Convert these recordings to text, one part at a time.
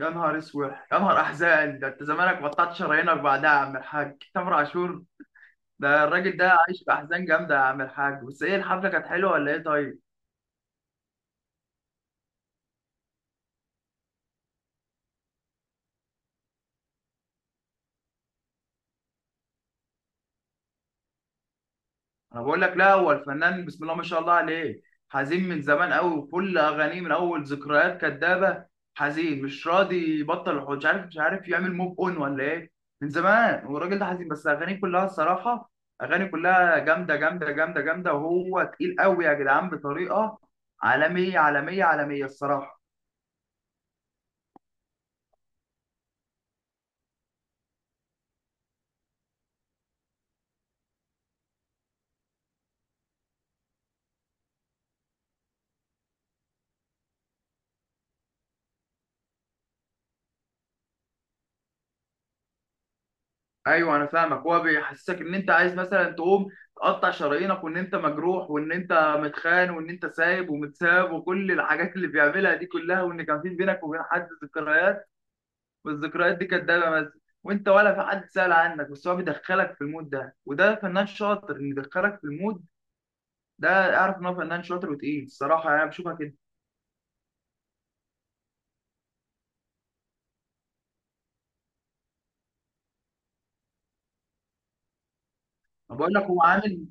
يا نهار اسود يا نهار احزان، ده انت زمانك بطلت شرايينك بعدها يا عم الحاج تامر عاشور. ده الراجل ده عايش باحزان جامده يا عم الحاج، بس ايه الحفله كانت حلوه ولا ايه؟ طيب. انا بقول لك لا، هو الفنان بسم الله ما شاء الله عليه حزين من زمان قوي، وكل اغانيه من اول ذكريات كدابه حزين، مش راضي يبطل الحوش، مش عارف يعمل موف اون ولا ايه. من زمان والراجل ده حزين، بس اغانيه كلها الصراحه اغاني كلها جامده جامده جامده جامده، وهو تقيل قوي يا جدعان بطريقه عالميه عالميه عالميه الصراحه. ايوه انا فاهمك، هو بيحسسك ان انت عايز مثلا تقوم تقطع شرايينك، وان انت مجروح، وان انت متخان، وان انت سايب ومتساب، وكل الحاجات اللي بيعملها دي كلها، وان كان في بينك وبين حد ذكريات والذكريات دي كدابه بس، وانت ولا في حد سأل عنك، بس هو بيدخلك في المود ده، وده فنان شاطر ان يدخلك في المود ده. اعرف ان هو فنان شاطر وتقيل الصراحه، يعني انا بشوفها كده. أنا بقول لك هو عامل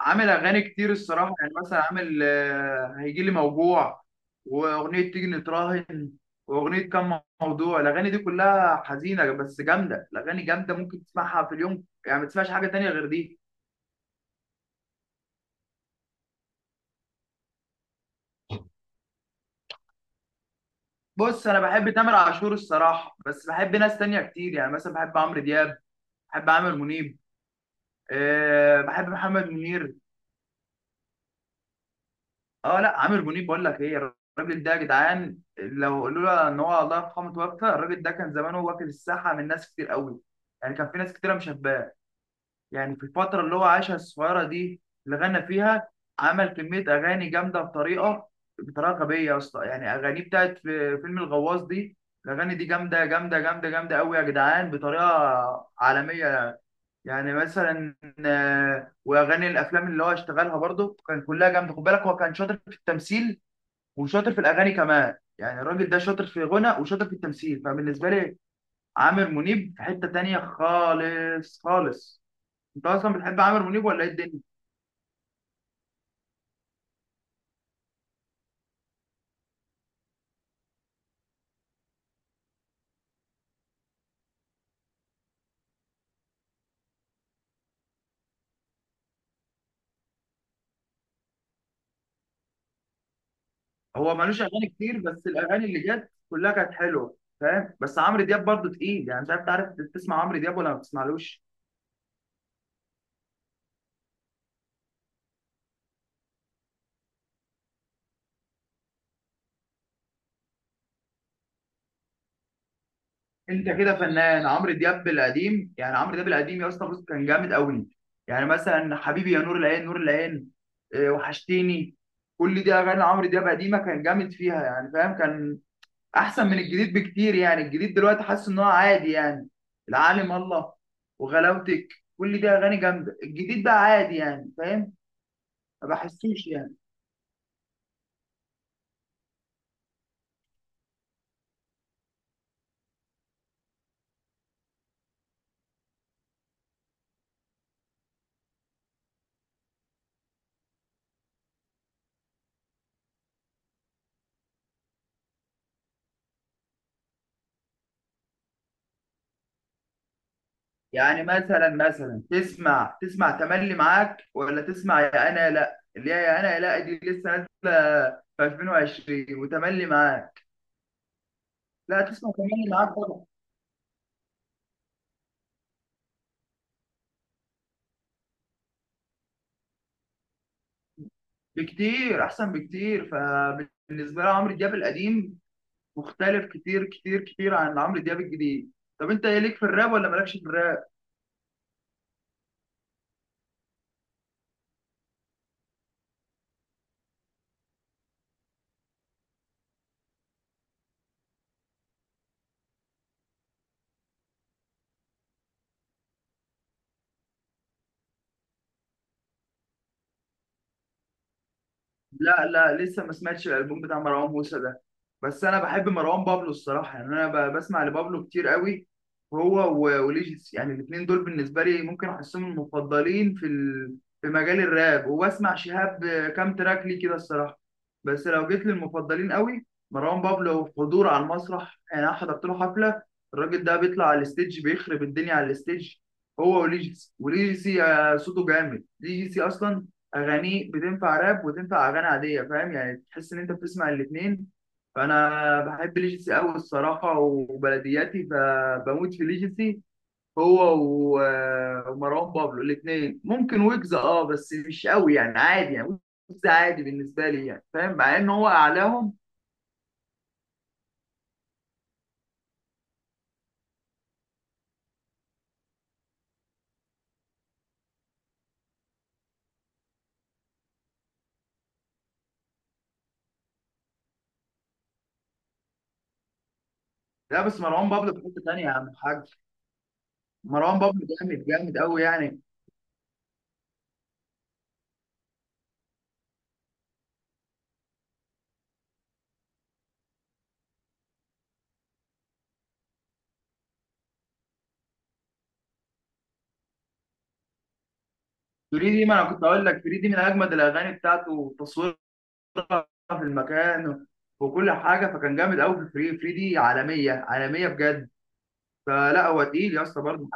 عامل اغاني كتير الصراحه، يعني مثلا عامل هيجي لي موجوع، واغنيه تيجي نتراهن، واغنيه كم. موضوع الاغاني دي كلها حزينه بس جامده، الاغاني جامده ممكن تسمعها في اليوم، يعني ما تسمعش حاجه تانية غير دي. بص انا بحب تامر عاشور الصراحه، بس بحب ناس تانية كتير، يعني مثلا بحب عمرو دياب، بحب عامر منيب، أه بحب محمد منير. اه لا، عامر منيب بقول لك ايه، الراجل ده يا جدعان لو لولا ان هو الله يرحمه توفى، الراجل ده كان زمانه واكل الساحه من ناس كتير قوي. يعني كان في ناس كتيره مشباه، يعني في الفتره اللي هو عاشها الصغيره دي اللي غنى فيها عمل كميه اغاني جامده بطريقه غبيه اصلا. يعني اغانيه بتاعت في فيلم الغواص دي، الاغاني دي جامده جامده جامده جامده قوي يا جدعان بطريقه عالميه. يعني مثلا واغاني الافلام اللي هو اشتغلها برضه كان كلها جامده، خد بالك هو كان شاطر في التمثيل وشاطر في الاغاني كمان، يعني الراجل ده شاطر في غنى وشاطر في التمثيل، فبالنسبه لي عامر منيب في حته تانية خالص خالص. انت اصلا بتحب عامر منيب ولا ايه الدنيا؟ هو ملوش اغاني كتير، بس الاغاني اللي جت كلها كانت حلوه فاهم، بس عمرو دياب برضه تقيل، يعني مش عارف، تعرف تسمع عمرو دياب ولا ما بتسمعلوش؟ انت كده فنان عمرو دياب القديم، يعني عمرو دياب القديم يا اسطى بص كان جامد قوي. يعني مثلا حبيبي يا نور العين، نور العين، وحشتيني، كل دي اغاني عمرو دياب قديمه، كان جامد فيها يعني فاهم، كان احسن من الجديد بكتير، يعني الجديد دلوقتي حاسس ان هو عادي يعني. العالم الله، وغلاوتك، كل دي اغاني جامده، الجديد بقى عادي يعني فاهم، ما بحسوش يعني. يعني مثلا تسمع تملي معاك، ولا تسمع يا انا يا لا، اللي هي يا انا يا لا دي لسه نازله في 2020، وتملي معاك لا، تسمع تملي معاك طبعا، بكتير احسن بكتير. فبالنسبه لي عمرو دياب القديم مختلف كتير كتير كتير عن عمرو دياب الجديد. طب انت ايه ليك في الراب ولا مالكش في الراب؟ لا لا، لسه ما سمعتش الالبوم بتاع مروان موسى ده، بس انا بحب مروان بابلو الصراحه، يعني انا بسمع لبابلو كتير قوي. هو وليجيس، يعني الاثنين دول بالنسبه لي ممكن احسهم المفضلين في مجال الراب. وبسمع شهاب كام تراك ليه كده الصراحه، بس لو جيت للمفضلين قوي مروان بابلو حضور على المسرح، يعني انا حضرت له حفله، الراجل ده بيطلع على الستيج بيخرب الدنيا على الستيج، هو وليجيس. وليجيسي صوته جامد، ليجيسي اصلا اغانيه بتنفع راب وتنفع اغاني عاديه فاهم، يعني تحس ان انت بتسمع الاثنين، فانا بحب ليجيسي قوي الصراحه وبلدياتي، فبموت في ليجيسي، هو ومروان بابلو الاثنين، ممكن ويجز اه بس مش قوي يعني عادي يعني، ويجز عادي بالنسبه لي يعني فاهم، مع ان هو اعلاهم. لا بس مروان بابلو في حته ثانيه يا عم الحاج، مروان بابلو جامد جامد قوي يعني. فريدي، ما انا كنت اقول لك فريدي من اجمد الاغاني بتاعته، تصوير في المكان وكل حاجه، فكان جامد قوي في الفري فري دي، عالميه عالميه بجد، فلا هو تقيل يا اسطى برضه.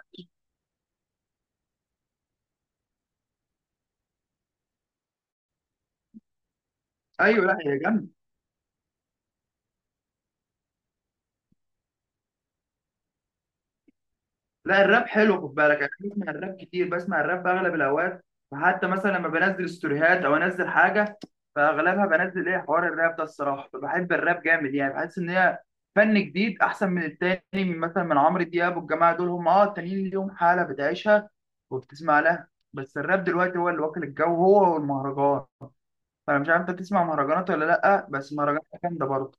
ايوه لا هي جامده، لا الراب حلو خد بالك، يعني انا بسمع الراب كتير، بسمع الراب في اغلب الاوقات، فحتى مثلا لما بنزل ستوريهات او انزل حاجه فاغلبها بنزل ايه حوار الراب ده الصراحه، فبحب الراب جامد، يعني بحس ان هي فن جديد احسن من التاني، من مثلا من عمرو دياب والجماعه دول، هم اه التانيين ليهم حاله بتعيشها وبتسمع لها، بس الراب دلوقتي هو اللي واكل الجو، هو والمهرجان. انا مش عارف انت تسمع مهرجانات ولا لا، بس مهرجانات جامده برضه.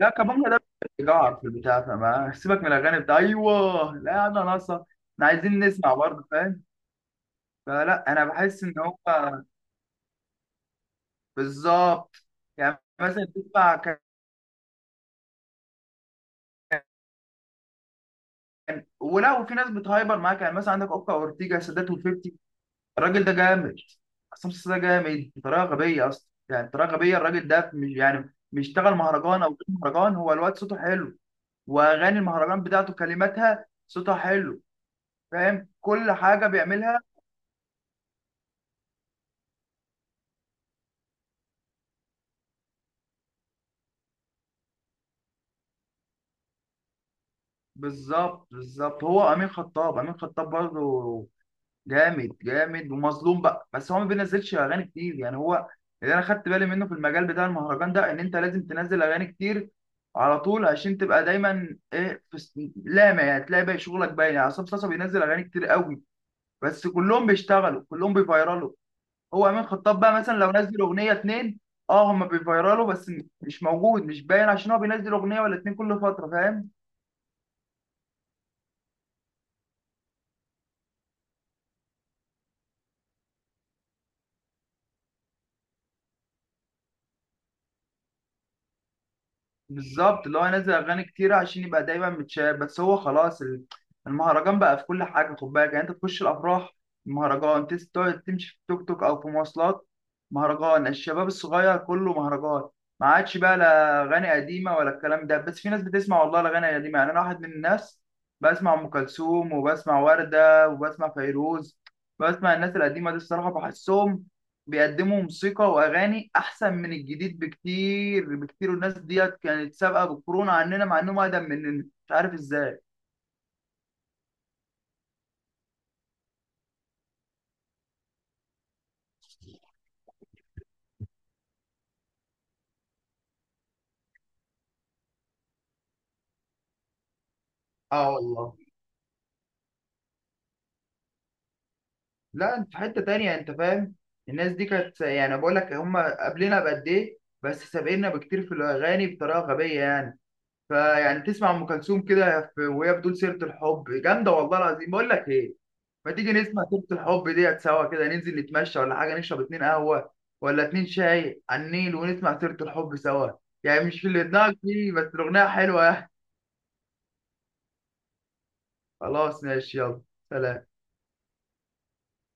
لا كمانجا ده بيجعر في البتاع، فما سيبك من الاغاني بتاع، ايوه لا انا ناقصه، احنا عايزين نسمع برضه فاهم، فلا انا بحس ان هو بالظبط. يعني مثلا تسمع كان، ولو في ناس بتهايبر معاك يعني مثلا عندك اوكا اورتيجا سادات وفيفتي، الراجل ده جامد. عصام صاصا ده جامد بطريقه غبيه اصلا، يعني بطريقه غبيه، الراجل ده مش يعني مش اشتغل مهرجان او غير مهرجان، هو الواد صوته حلو، واغاني المهرجان بتاعته كلماتها صوتها حلو فاهم، كل حاجه بيعملها. بالظبط بالظبط، هو امين خطاب، امين خطاب برضه جامد جامد ومظلوم بقى، بس هو ما بينزلش اغاني كتير، يعني هو اللي انا خدت بالي منه في المجال بتاع المهرجان ده ان انت لازم تنزل اغاني كتير على طول عشان تبقى دايما ايه في لامع، يعني تلاقي بقى شغلك باين. يعني عصام صاصا بينزل اغاني كتير قوي، بس كلهم بيشتغلوا، كلهم بيفيرالوا، هو امين خطاب بقى مثلا لو نزل اغنيه اتنين، اه هما بيفيرالوا، بس مش موجود مش باين عشان هو بينزل اغنيه ولا اتنين كل فتره فاهم. بالظبط، اللي هو ينزل اغاني كتيره عشان يبقى دايما متشاف، بس هو خلاص المهرجان بقى في كل حاجه خد بالك. يعني انت تخش الافراح مهرجان، تقعد تمشي في توك توك او في مواصلات مهرجان، الشباب الصغير كله مهرجان، ما عادش بقى لا اغاني قديمه ولا الكلام ده. بس في ناس بتسمع والله الاغاني القديمه، يعني انا واحد من الناس بسمع ام كلثوم وبسمع ورده وبسمع فيروز، بسمع الناس القديمه دي الصراحه، بحسهم بيقدموا موسيقى واغاني احسن من الجديد بكتير بكتير، والناس ديت كانت سابقه بالكورونا عننا مع انهم اقدم مننا مش عارف ازاي. اه والله، لا انت في حته تانية انت فاهم، الناس دي كانت يعني بقول لك هم قبلنا بقد ايه، بس سابقنا بكتير في الاغاني بطريقه غبيه يعني. فيعني تسمع ام كلثوم كده وهي بتقول سيره الحب جامده والله العظيم، بقول لك ايه، ما تيجي نسمع تبت الحب ديت سوا كده، ننزل نتمشى ولا حاجة، نشرب اتنين قهوة ولا اتنين شاي على النيل ونسمع سيرة الحب سوا، يعني مش في اللي دماغك فيه بس الأغنية حلوة يعني. خلاص ماشي يلا. سلام.